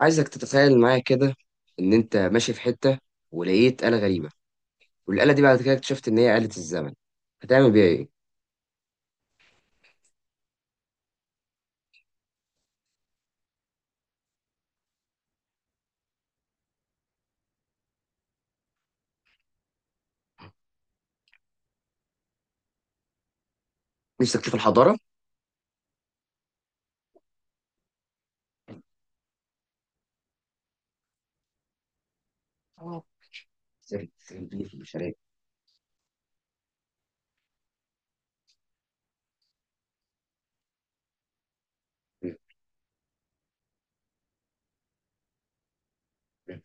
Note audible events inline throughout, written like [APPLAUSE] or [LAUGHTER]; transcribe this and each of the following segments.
عايزك تتخيل معايا كده، ان انت ماشي في حته ولقيت آلة غريبه، والآلة دي بعد كده اكتشفت ان هي آلة الزمن. هتعمل بيها ايه؟ نفسك تشوف الحضاره. آه. نفسك تخليني في البشريه. م- م.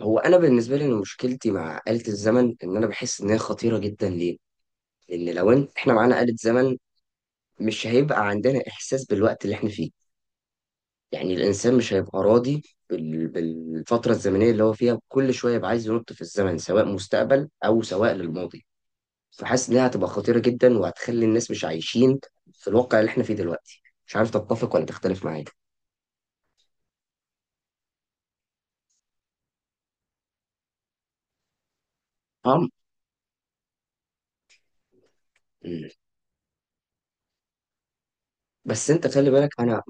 هو انا بالنسبه لي إن مشكلتي مع آلة الزمن ان انا بحس ان هي خطيره جدا. ليه؟ لان لو إن احنا معانا آلة زمن مش هيبقى عندنا احساس بالوقت اللي احنا فيه. يعني الانسان مش هيبقى راضي بالفتره الزمنيه اللي هو فيها، كل شويه يبقى عايز ينط في الزمن سواء مستقبل او سواء للماضي. فحاسس إنها هتبقى خطيرة جدا وهتخلي الناس مش عايشين في الواقع اللي احنا فيه دلوقتي. مش عارف تتفق ولا تختلف معايا؟ أم. مم. بس أنت خلي بالك أنا.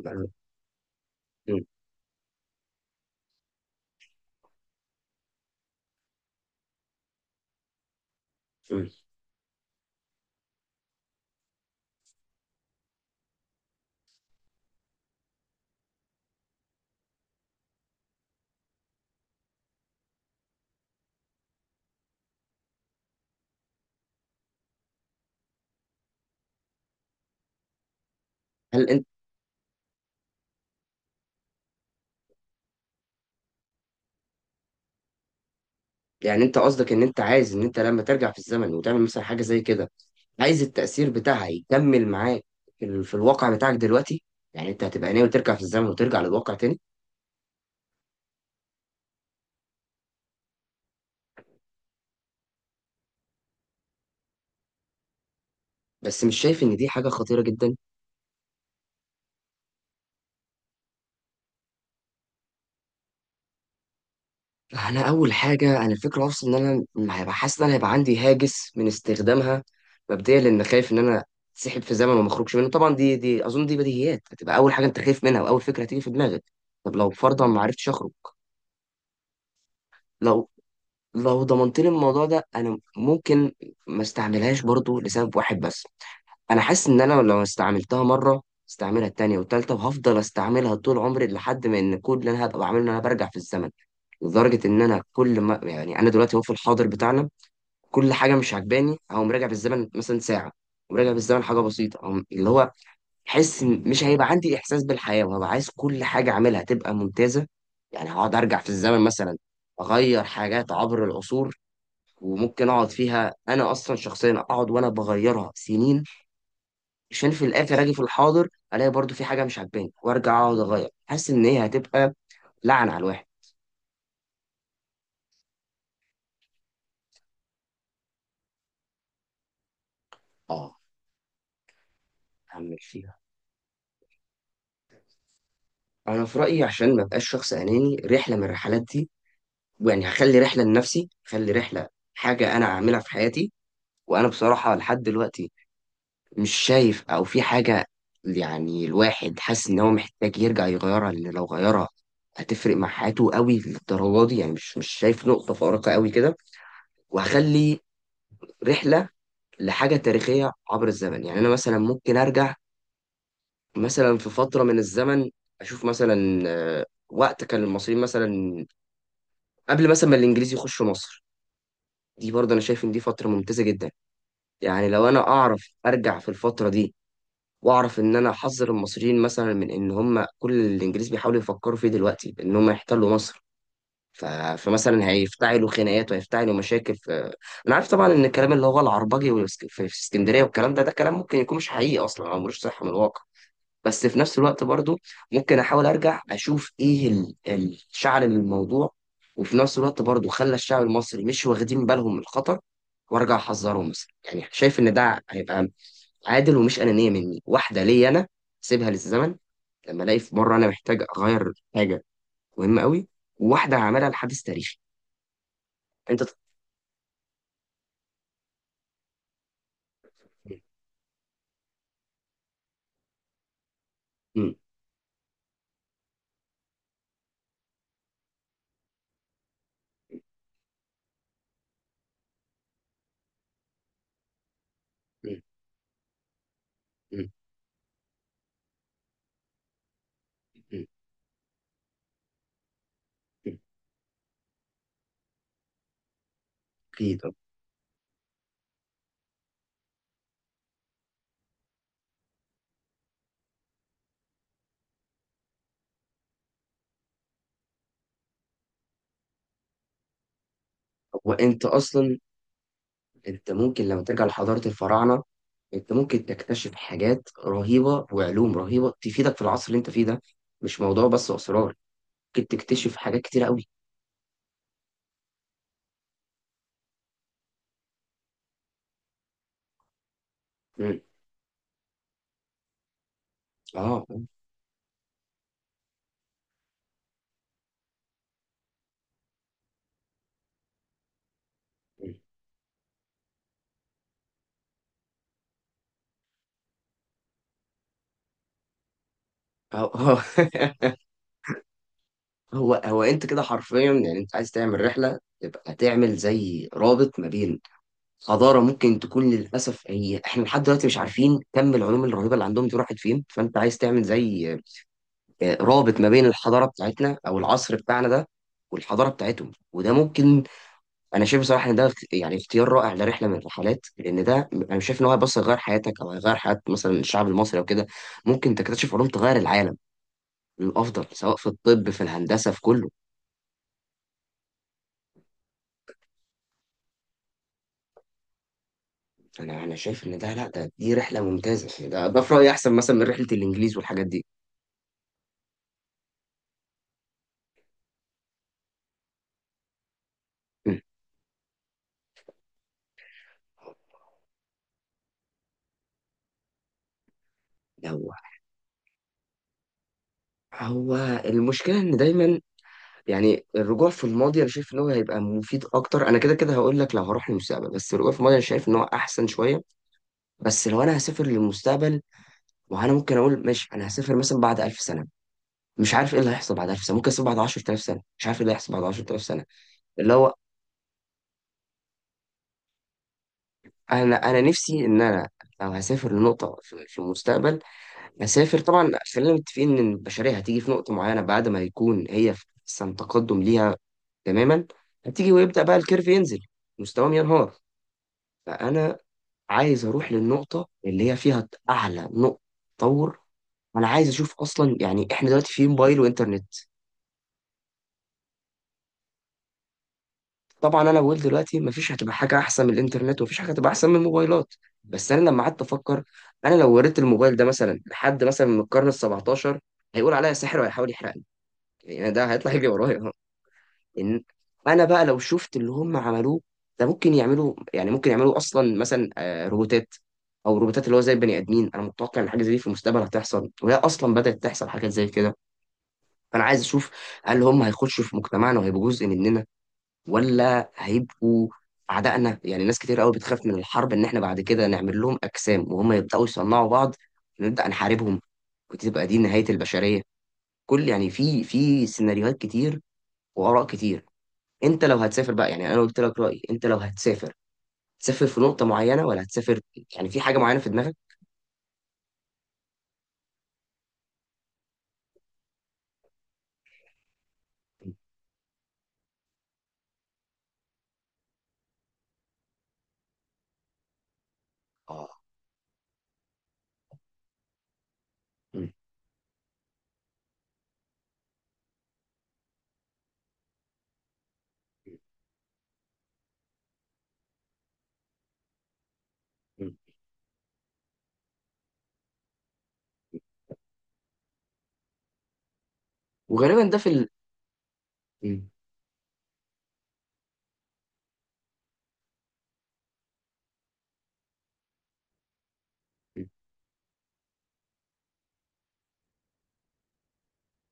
مم. مم. هل أنت، يعني أنت قصدك إن أنت عايز إن أنت لما ترجع في الزمن وتعمل مثلا حاجة زي كده، عايز التأثير بتاعها يكمل معاك في الواقع بتاعك دلوقتي؟ يعني أنت هتبقى ناوي ترجع في الزمن وترجع للواقع تاني. بس مش شايف إن دي حاجة خطيرة جدا؟ انا اول حاجه، انا الفكره اصلا ان انا هيبقى حاسس ان انا هيبقى عندي هاجس من استخدامها مبدئيا، لان خايف ان انا اتسحب في زمن وما اخرجش منه. طبعا دي اظن دي بديهيات، هتبقى اول حاجه انت خايف منها واول فكره هتيجي في دماغك. طب لو فرضا ما عرفتش اخرج، لو لو ضمنت لي الموضوع ده، انا ممكن ما استعملهاش برضو لسبب واحد بس. انا حاسس ان انا لو استعملتها مره استعملها التانية والتالتة، وهفضل استعملها طول عمري لحد ما ان كل اللي انا هبقى بعمله ان انا برجع في الزمن. لدرجة ان انا كل ما، يعني انا دلوقتي هو في الحاضر بتاعنا، كل حاجه مش عجباني اقوم راجع بالزمن مثلا ساعه، وراجع بالزمن حاجه بسيطه، أقوم اللي هو حس إن مش هيبقى عندي احساس بالحياه وهبقى عايز كل حاجه اعملها تبقى ممتازه. يعني هقعد ارجع في الزمن مثلا اغير حاجات عبر العصور، وممكن اقعد فيها انا اصلا شخصيا اقعد وانا بغيرها سنين، عشان في الاخر اجي في الحاضر الاقي برضو في حاجه مش عجباني وارجع اقعد اغير، حاسس ان هي هتبقى لعنه على الواحد. اه. هعمل فيها، انا في رايي عشان ما ابقاش شخص اناني، رحله من الرحلات دي يعني هخلي رحلة لنفسي، هخلي رحلة حاجة أنا أعملها في حياتي. وأنا بصراحة لحد دلوقتي مش شايف أو في حاجة، يعني الواحد حاسس إن هو محتاج يرجع يغيرها لأن لو غيرها هتفرق مع حياته قوي للدرجة دي. يعني مش شايف نقطة فارقة قوي كده. وهخلي رحلة لحاجة تاريخية عبر الزمن، يعني أنا مثلا ممكن أرجع مثلا في فترة من الزمن، أشوف مثلا آه، وقت كان المصريين مثلا قبل مثلا ما الإنجليز يخشوا مصر. دي برضه أنا شايف إن دي فترة ممتازة جدا. يعني لو انا اعرف ارجع في الفتره دي واعرف ان انا احذر المصريين مثلا من ان هم كل اللي الانجليز بيحاولوا يفكروا فيه دلوقتي ان هم يحتلوا مصر. ف... فمثلا هيفتعلوا خناقات وهيفتعلوا مشاكل. انا عارف طبعا ان الكلام اللي هو العربجي في اسكندريه، والكلام ده ده كلام ممكن يكون مش حقيقي اصلا او ملوش صحه من الواقع. بس في نفس الوقت برضو ممكن احاول ارجع اشوف ايه الشعر للموضوع. وفي نفس الوقت برضو خلى الشعب المصري مش واخدين بالهم من الخطر، وارجع احذرهم مثلا. يعني شايف ان ده هيبقى عادل ومش أنانية مني. واحدة ليا أنا، سيبها للزمن لما ألاقي في مرة أنا محتاج أغير حاجة مهمة قوي. وواحدة هعملها لحدث تاريخي. أنت ت- م- م- م- م- م- أكيد. هو أنت أصلا، أنت ممكن لما ترجع لحضارة الفراعنة أنت ممكن تكتشف حاجات رهيبة وعلوم رهيبة تفيدك في العصر اللي أنت فيه ده. مش موضوع بس أسرار، ممكن تكتشف حاجات كتيرة قوي. م. آه. م. آه آه [LAUGHS] هو انت كده حرفيا، يعني انت عايز تعمل رحله، تبقى تعمل زي رابط ما بين حضاره ممكن تكون للاسف هي احنا لحد دلوقتي مش عارفين كم العلوم الرهيبه اللي عندهم دي راحت فين. فانت عايز تعمل زي آه، رابط ما بين الحضاره بتاعتنا او العصر بتاعنا ده والحضاره بتاعتهم، وده ممكن. انا شايف بصراحه ان يعني اختيار رائع لرحله من الرحلات، لان ده انا شايف ان هو بس يغير حياتك او هيغير حياه مثلا الشعب المصري او كده. ممكن تكتشف علوم تغير العالم للافضل، سواء في الطب في الهندسه في كله. انا شايف ان ده، لا ده دي رحله ممتازه. يعني ده في رايي احسن مثلا من رحله الانجليز والحاجات دي. مم. هو هو المشكله ان دايما، يعني الرجوع في الماضي انا شايف ان هو هيبقى مفيد اكتر. انا كده كده هقول لك لو هروح للمستقبل، بس الرجوع في الماضي انا شايف ان هو احسن شويه. بس لو انا هسافر للمستقبل وانا ممكن اقول ماشي انا هسافر مثلا بعد 1000 سنه، مش عارف ايه اللي هيحصل بعد 1000 سنه. ممكن اسافر بعد 10000 سنه، مش عارف ايه اللي هيحصل بعد 10000 سنه. اللي هو، انا نفسي ان انا لو هسافر لنقطه في المستقبل، مسافر طبعا. خلينا متفقين ان البشريه هتيجي في نقطه معينه بعد ما يكون هي في احسن تقدم ليها تماما، هتيجي ويبدا بقى الكيرف ينزل، مستواهم ينهار. فانا عايز اروح للنقطه اللي هي فيها اعلى نقطه تطور. انا عايز اشوف اصلا، يعني احنا دلوقتي في موبايل وانترنت. طبعا انا بقول دلوقتي مفيش هتبقى حاجه احسن من الانترنت، ومفيش حاجه هتبقى احسن من الموبايلات. بس انا لما قعدت افكر انا لو وريت الموبايل ده مثلا لحد مثلا من القرن ال 17 هيقول عليا ساحر وهيحاول يحرقني. يعني ده هيطلع يجري ورايا. إن أنا بقى لو شفت اللي هم عملوه، ده ممكن يعملوا، يعني ممكن يعملوا أصلا مثلا آه، روبوتات. أو روبوتات اللي هو زي البني آدمين. أنا متوقع إن حاجة زي دي في المستقبل هتحصل، وهي أصلا بدأت تحصل حاجات زي كده. فأنا عايز أشوف هل هم هيخشوا في مجتمعنا وهيبقوا جزء مننا ولا هيبقوا أعدائنا؟ يعني ناس كتير قوي بتخاف من الحرب إن إحنا بعد كده نعمل لهم أجسام، وهم يبدأوا يصنعوا بعض ونبدأ نحاربهم، وتبقى دي نهاية البشرية. كل، يعني في سيناريوهات كتير وآراء كتير. انت لو هتسافر بقى، يعني انا قلت لك رايي. انت لو هتسافر تسافر في نقطه معينه؟ ولا هتسافر يعني في حاجه معينه في دماغك؟ اه. مم. مم. وغالبا ده في مم. مم.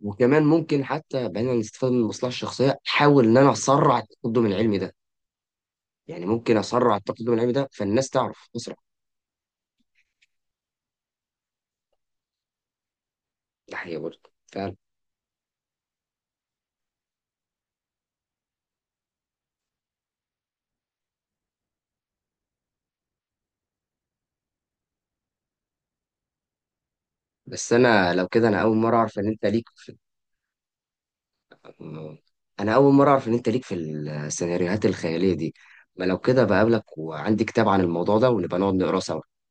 وكمان ممكن حتى بعيدا عن الاستفاده من المصلحه الشخصيه احاول ان انا اسرع التقدم العلمي ده. يعني ممكن اسرع التقدم العلمي ده فالناس تعرف اسرع. ده حقيقه برضه فعلا. بس انا لو كده، انا اول مره اعرف ان انت ليك في السيناريوهات الخياليه دي. ما لو كده بقابلك وعندي كتاب عن الموضوع ده ونبقى نقعد نقراه سوا.